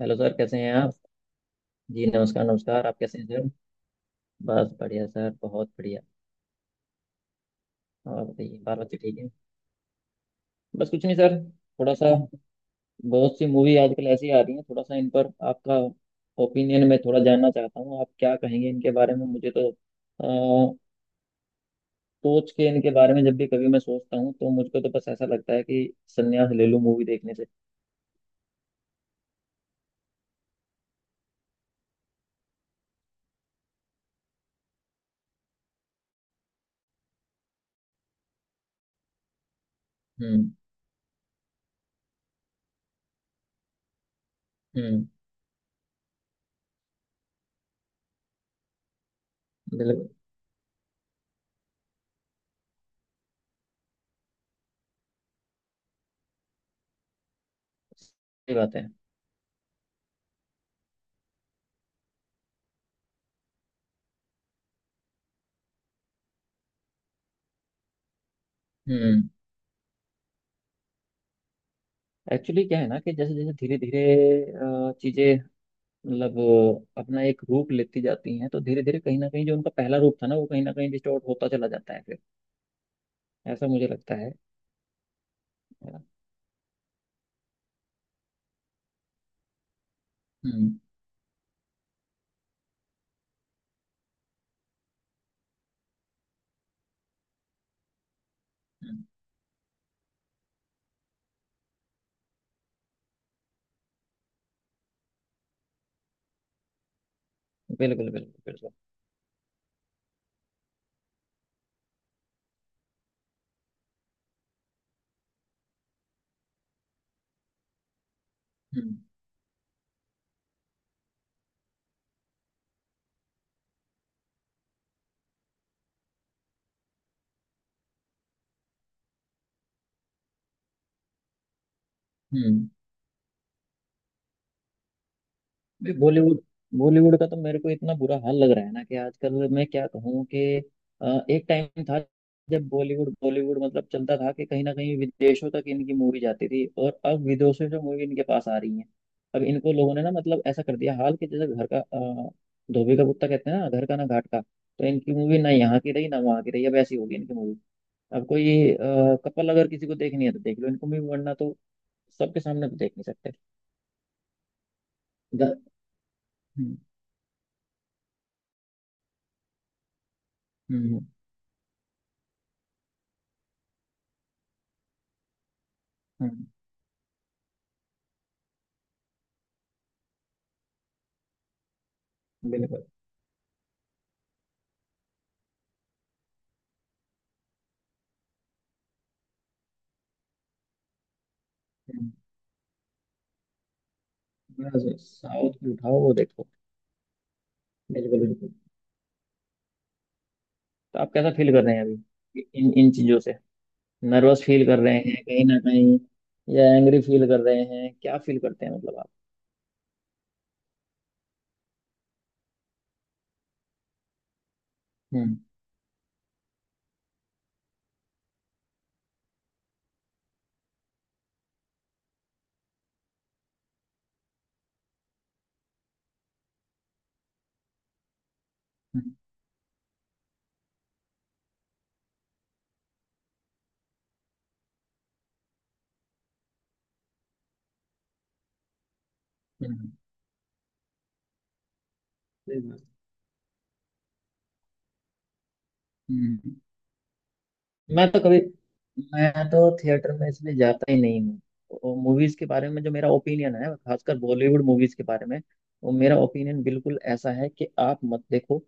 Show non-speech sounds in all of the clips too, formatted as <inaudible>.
Hello sir, कैसे हैं आप। जी नमस्कार, नमस्कार, आप कैसे हैं सर। बस बढ़िया सर, बहुत बढ़िया। और बताइए, बाल बच्चे ठीक है। बस कुछ नहीं सर। थोड़ा सा। बहुत सी मूवी आजकल ऐसी आ रही हैं, थोड़ा सा इन पर आपका ओपिनियन मैं थोड़ा जानना चाहता हूँ, आप क्या कहेंगे इनके बारे में। मुझे तो अ, सोच के इनके बारे में जब भी कभी मैं सोचता हूँ तो मुझको तो बस ऐसा लगता है कि संन्यास ले लूँ मूवी देखने से। हम्म। हम्म। बिल्कुल। सही बात है। हम्म। एक्चुअली क्या है ना कि जैसे जैसे धीरे धीरे चीजें मतलब अपना एक रूप लेती जाती हैं तो धीरे धीरे कहीं ना कहीं जो उनका पहला रूप था ना वो कहीं ना कहीं डिस्टॉर्ट होता चला जाता है फिर, ऐसा मुझे लगता है। है ना? हम्म। हम्म, बिल्कुल बिल्कुल बिल्कुल। हम्म। हम्म। भाई बॉलीवुड बॉलीवुड का तो मेरे को इतना बुरा हाल लग रहा है ना, कि आजकल मैं क्या कहूँ कि एक टाइम था जब बॉलीवुड बॉलीवुड मतलब चलता था, कि कहीं ना कहीं विदेशों तक इनकी मूवी जाती थी और अब विदेशों से मूवी इनके पास आ रही है। अब इनको लोगों ने ना मतलब ऐसा कर दिया हाल कि जैसे घर का धोबी का कुत्ता कहते हैं ना, घर का ना घाट का। तो इनकी मूवी ना यहाँ की रही ना वहाँ की रही, अब ऐसी होगी इनकी मूवी। अब कोई कपल अगर किसी को देखनी है तो देख लो इनको मूवी, वरना तो सबके सामने तो देख नहीं सकते। द- हम्म। हम्म। हम्म, बिल्कुल। साउथ की उठाओ, वो देखो। बिल्कुल बिल्कुल। तो आप कैसा फील कर रहे हैं अभी इन इन चीजों से। नर्वस फील कर रहे हैं कहीं ना कहीं, या एंग्री फील कर रहे हैं, क्या फील करते हैं मतलब आप। हम्म। हम्म। हम्म, सही बात। हम्म। मैं तो कभी मैं तो थिएटर में इसलिए जाता ही नहीं हूँ। मूवीज के बारे में जो मेरा ओपिनियन है, खासकर बॉलीवुड मूवीज के बारे में, वो मेरा ओपिनियन बिल्कुल ऐसा है कि आप मत देखो।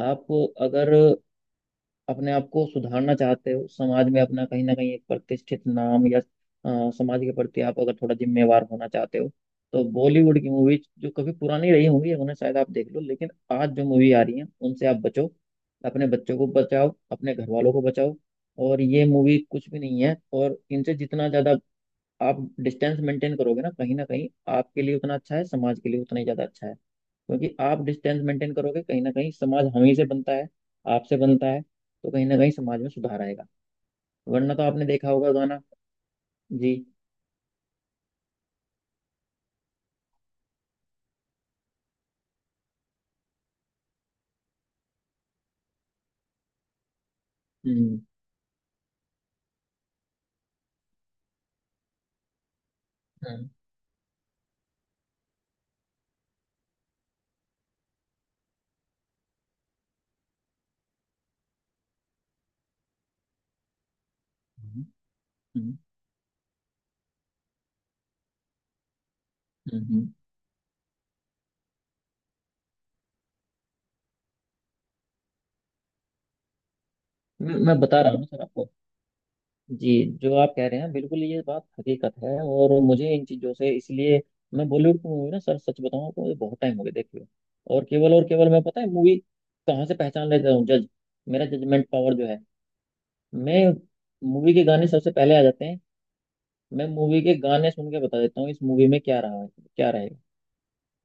आप अगर अपने आप को सुधारना चाहते हो, समाज में अपना कहीं ना कहीं एक प्रतिष्ठित नाम, या समाज के प्रति आप अगर थोड़ा जिम्मेवार होना चाहते हो, तो बॉलीवुड की मूवीज जो कभी पुरानी रही होंगी उन्हें शायद आप देख लो, लेकिन आज जो मूवी आ रही है उनसे आप बचो। अपने बच्चों को बचाओ, अपने घर वालों को बचाओ, और ये मूवी कुछ भी नहीं है। और इनसे जितना ज्यादा आप डिस्टेंस मेंटेन करोगे ना कहीं ना कहीं, आपके लिए उतना अच्छा है, समाज के लिए उतना ही ज्यादा अच्छा है। क्योंकि आप डिस्टेंस मेंटेन करोगे कहीं ना कहीं, समाज हम ही से बनता है, आपसे बनता है, तो कहीं ना कहीं समाज में सुधार आएगा। वरना तो आपने देखा होगा गाना। जी। हम्म। हम्म। हम्म। हम्म। हम्म। मैं बता रहा हूँ सर आपको। जी, जो आप कह रहे हैं बिल्कुल ये बात हकीकत है, और मुझे इन चीज़ों से इसलिए मैं बॉलीवुड की मूवी ना सर सच बताऊं आपको ये बहुत टाइम हो गया देखे हुए। और केवल और केवल, मैं पता है मूवी कहाँ से पहचान लेता हूँ, जज मेरा जजमेंट पावर जो है। मैं मूवी के गाने सबसे पहले आ जाते हैं। मैं मूवी के गाने सुन के बता देता हूँ इस मूवी में क्या रहा है, क्या रहेगा।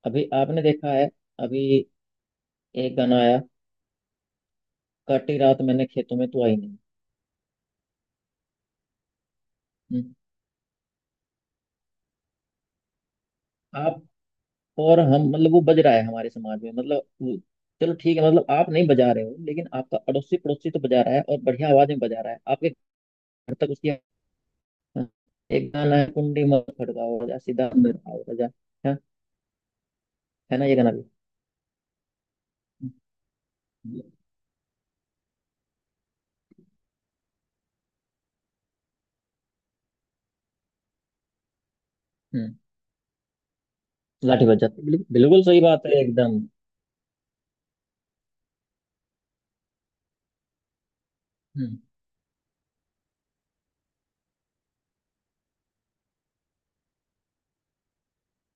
अभी आपने देखा है, अभी एक गाना आया, काटी रात मैंने खेतों में तू आई नहीं। हम्म। आप और हम मतलब वो बज रहा है हमारे समाज में, मतलब चलो ठीक है, मतलब आप नहीं बजा रहे हो, लेकिन आपका अड़ोसी पड़ोसी तो बजा रहा है, और बढ़िया आवाज में बजा रहा है, आपके घर तक उसकी हाँ, एक गाना है, कुंडी मत खड़काओ राजा, सीधा अंदर आओ राजा। है है ना, ये गाना भी। हम्म। लाठी बज जाती है। बिल्कुल बिल्कुल सही बात है एकदम। हम्म।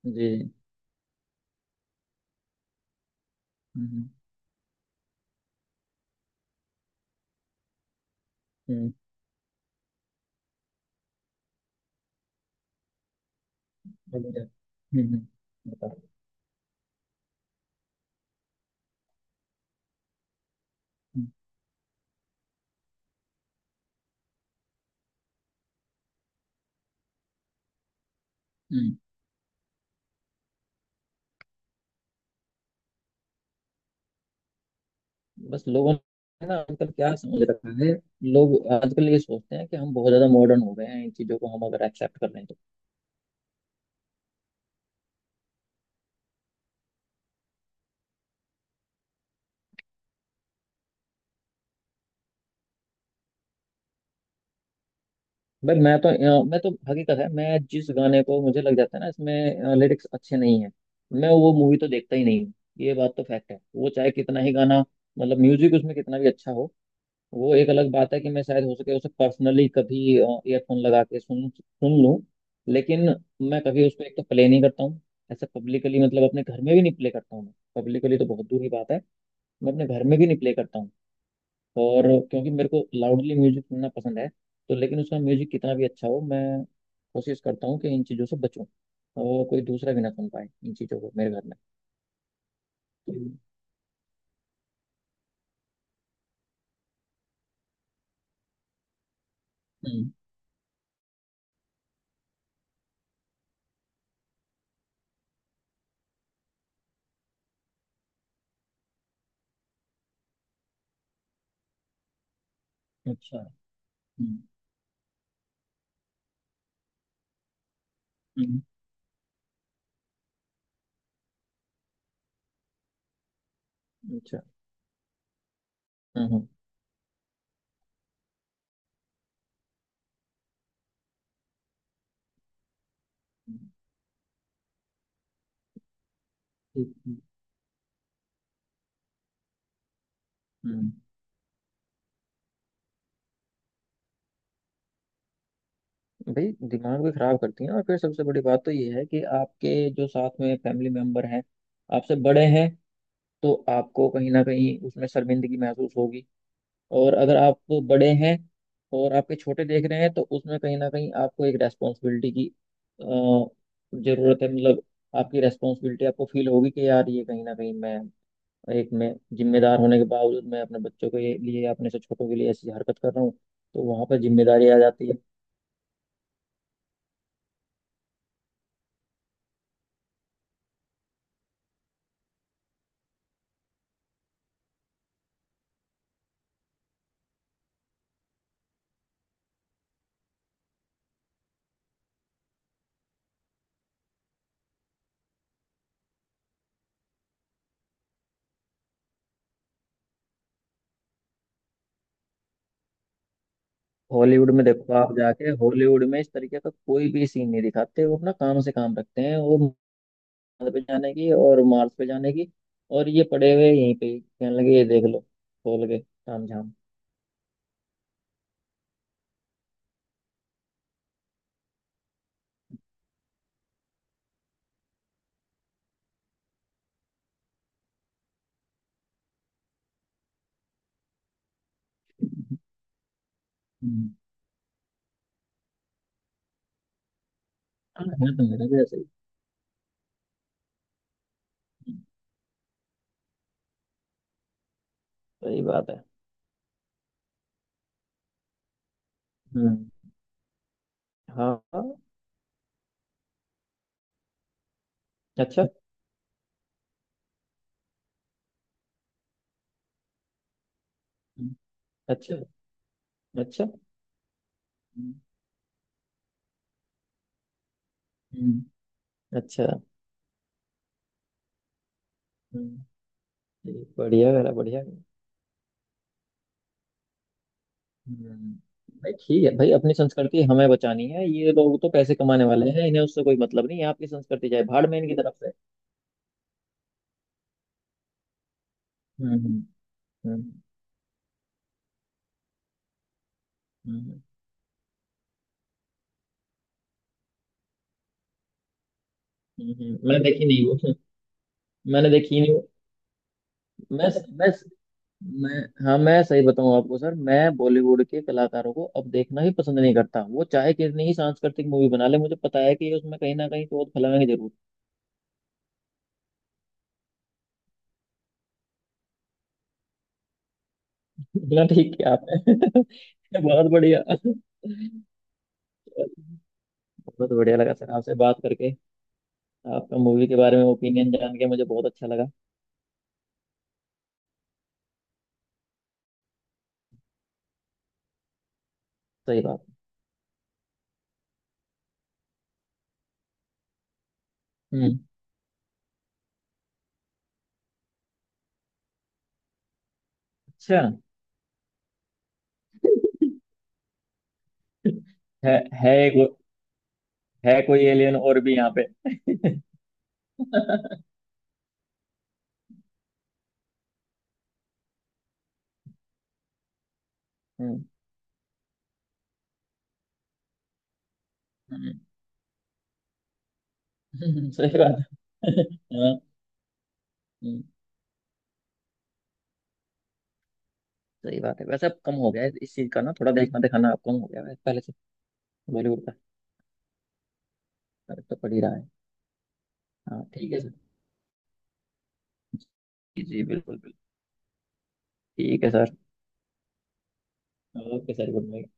जी। हम्म। हम्म। हम्म। हम्म, हम्म, बताओ। हम्म, बस लोगों ने ना आजकल क्या समझ रखा है। लोग आजकल ये सोचते हैं कि हम बहुत ज्यादा मॉडर्न हो गए हैं, इन चीजों को हम अगर एक्सेप्ट कर लें तो भाई मैं तो हकीकत है, मैं जिस गाने को मुझे लग जाता है ना इसमें लिरिक्स अच्छे नहीं है, मैं वो मूवी तो देखता ही नहीं हूँ। ये बात तो फैक्ट है। वो चाहे कितना ही गाना मतलब म्यूजिक उसमें कितना भी अच्छा हो, वो एक अलग बात है कि मैं शायद हो सके उसे पर्सनली कभी ईयरफोन लगा के सुन सुन लूं, लेकिन मैं कभी उसको एक तो प्ले नहीं करता हूँ। ऐसा पब्लिकली मतलब अपने घर में भी नहीं प्ले करता हूँ मैं, पब्लिकली तो बहुत दूर की बात है, मैं अपने घर में भी नहीं प्ले करता हूँ। और क्योंकि मेरे को लाउडली म्यूजिक सुनना पसंद है, तो लेकिन उसका म्यूजिक कितना भी अच्छा हो मैं कोशिश करता हूँ कि इन चीज़ों से बचूं, और कोई दूसरा भी ना सुन पाए इन चीज़ों को मेरे घर में। हम्म। हम्म, अच्छा। हम्म। हम्म, अच्छा। हम्म। हम्म। हम्म, हम्म। भाई दिमाग भी खराब करती हैं, और फिर सबसे बड़ी बात तो ये है कि आपके जो साथ में फैमिली मेंबर हैं आपसे बड़े हैं, तो आपको कहीं ना कहीं उसमें शर्मिंदगी महसूस होगी। और अगर आप बड़े हैं और आपके छोटे देख रहे हैं, तो उसमें कहीं ना कहीं आपको एक रेस्पॉन्सिबिलिटी की अ, जरूरत है, मतलब आपकी रेस्पॉन्सिबिलिटी आपको फील होगी कि यार ये कहीं ना कहीं मैं एक मैं जिम्मेदार होने के बावजूद मैं अपने बच्चों के लिए, अपने से छोटों के लिए ऐसी हरकत कर रहा हूँ, तो वहां पर जिम्मेदारी आ जाती है। हॉलीवुड में देखो आप जाके, हॉलीवुड में इस तरीके का कोई भी सीन नहीं दिखाते, वो अपना काम से काम रखते हैं। वो मार्स पे जाने की और मार्स पे जाने की, और ये पड़े हुए यहीं पे ही, कहने लगे ये देख लो खोल के ताम झाम। हम्म, हाँ, है तो मेरा भी ऐसा ही। हम्म, सही बात है। हम्म। हाँ हाँ, अच्छा। हम्म, अच्छा। अच्छा। हम्म। हम्म, अच्छा। हम्म, ठीक, बढ़िया करा, बढ़िया। हम्म, भाई ठीक है भाई, अपनी संस्कृति हमें बचानी है, ये लोग तो पैसे कमाने वाले हैं, इन्हें उससे कोई मतलब नहीं है, आपकी संस्कृति चाहे भाड़ में इनकी तरफ से। हम्म। हम्म। हम्म। मैंने देखी नहीं वो। <laughs> मैंने देखी नहीं वो। मैं मैं मैं हाँ, मैं सही बताऊं आपको सर, मैं बॉलीवुड के कलाकारों को अब देखना ही पसंद नहीं करता। वो चाहे कितनी ही सांस्कृतिक मूवी बना ले, मुझे पता है कि ये उसमें कहीं ना कहीं चोट फैलाएंगे जरूर। <laughs> बोला ठीक है आपने। <laughs> बहुत बढ़िया, बहुत बढ़िया लगा सर आपसे बात करके, आपका मूवी के बारे में ओपिनियन जान के मुझे बहुत अच्छा लगा। सही बात। हम्म। अच्छा। <laughs> है। है एक- है कोई एलियन और भी यहाँ पे। <laughs> हम्म, सही बात है। <laughs> हाँ, हम्म, सही बात है। वैसे अब कम हो गया है इस चीज का ना, थोड़ा देखना दिखाना अब कम हो गया है पहले से। बॉलीवुड का फर्क तो पड़ ही रहा है। हाँ ठीक है सर। जी जी, बिल्कुल बिल्कुल। ठीक है sir. Okay sir, good night.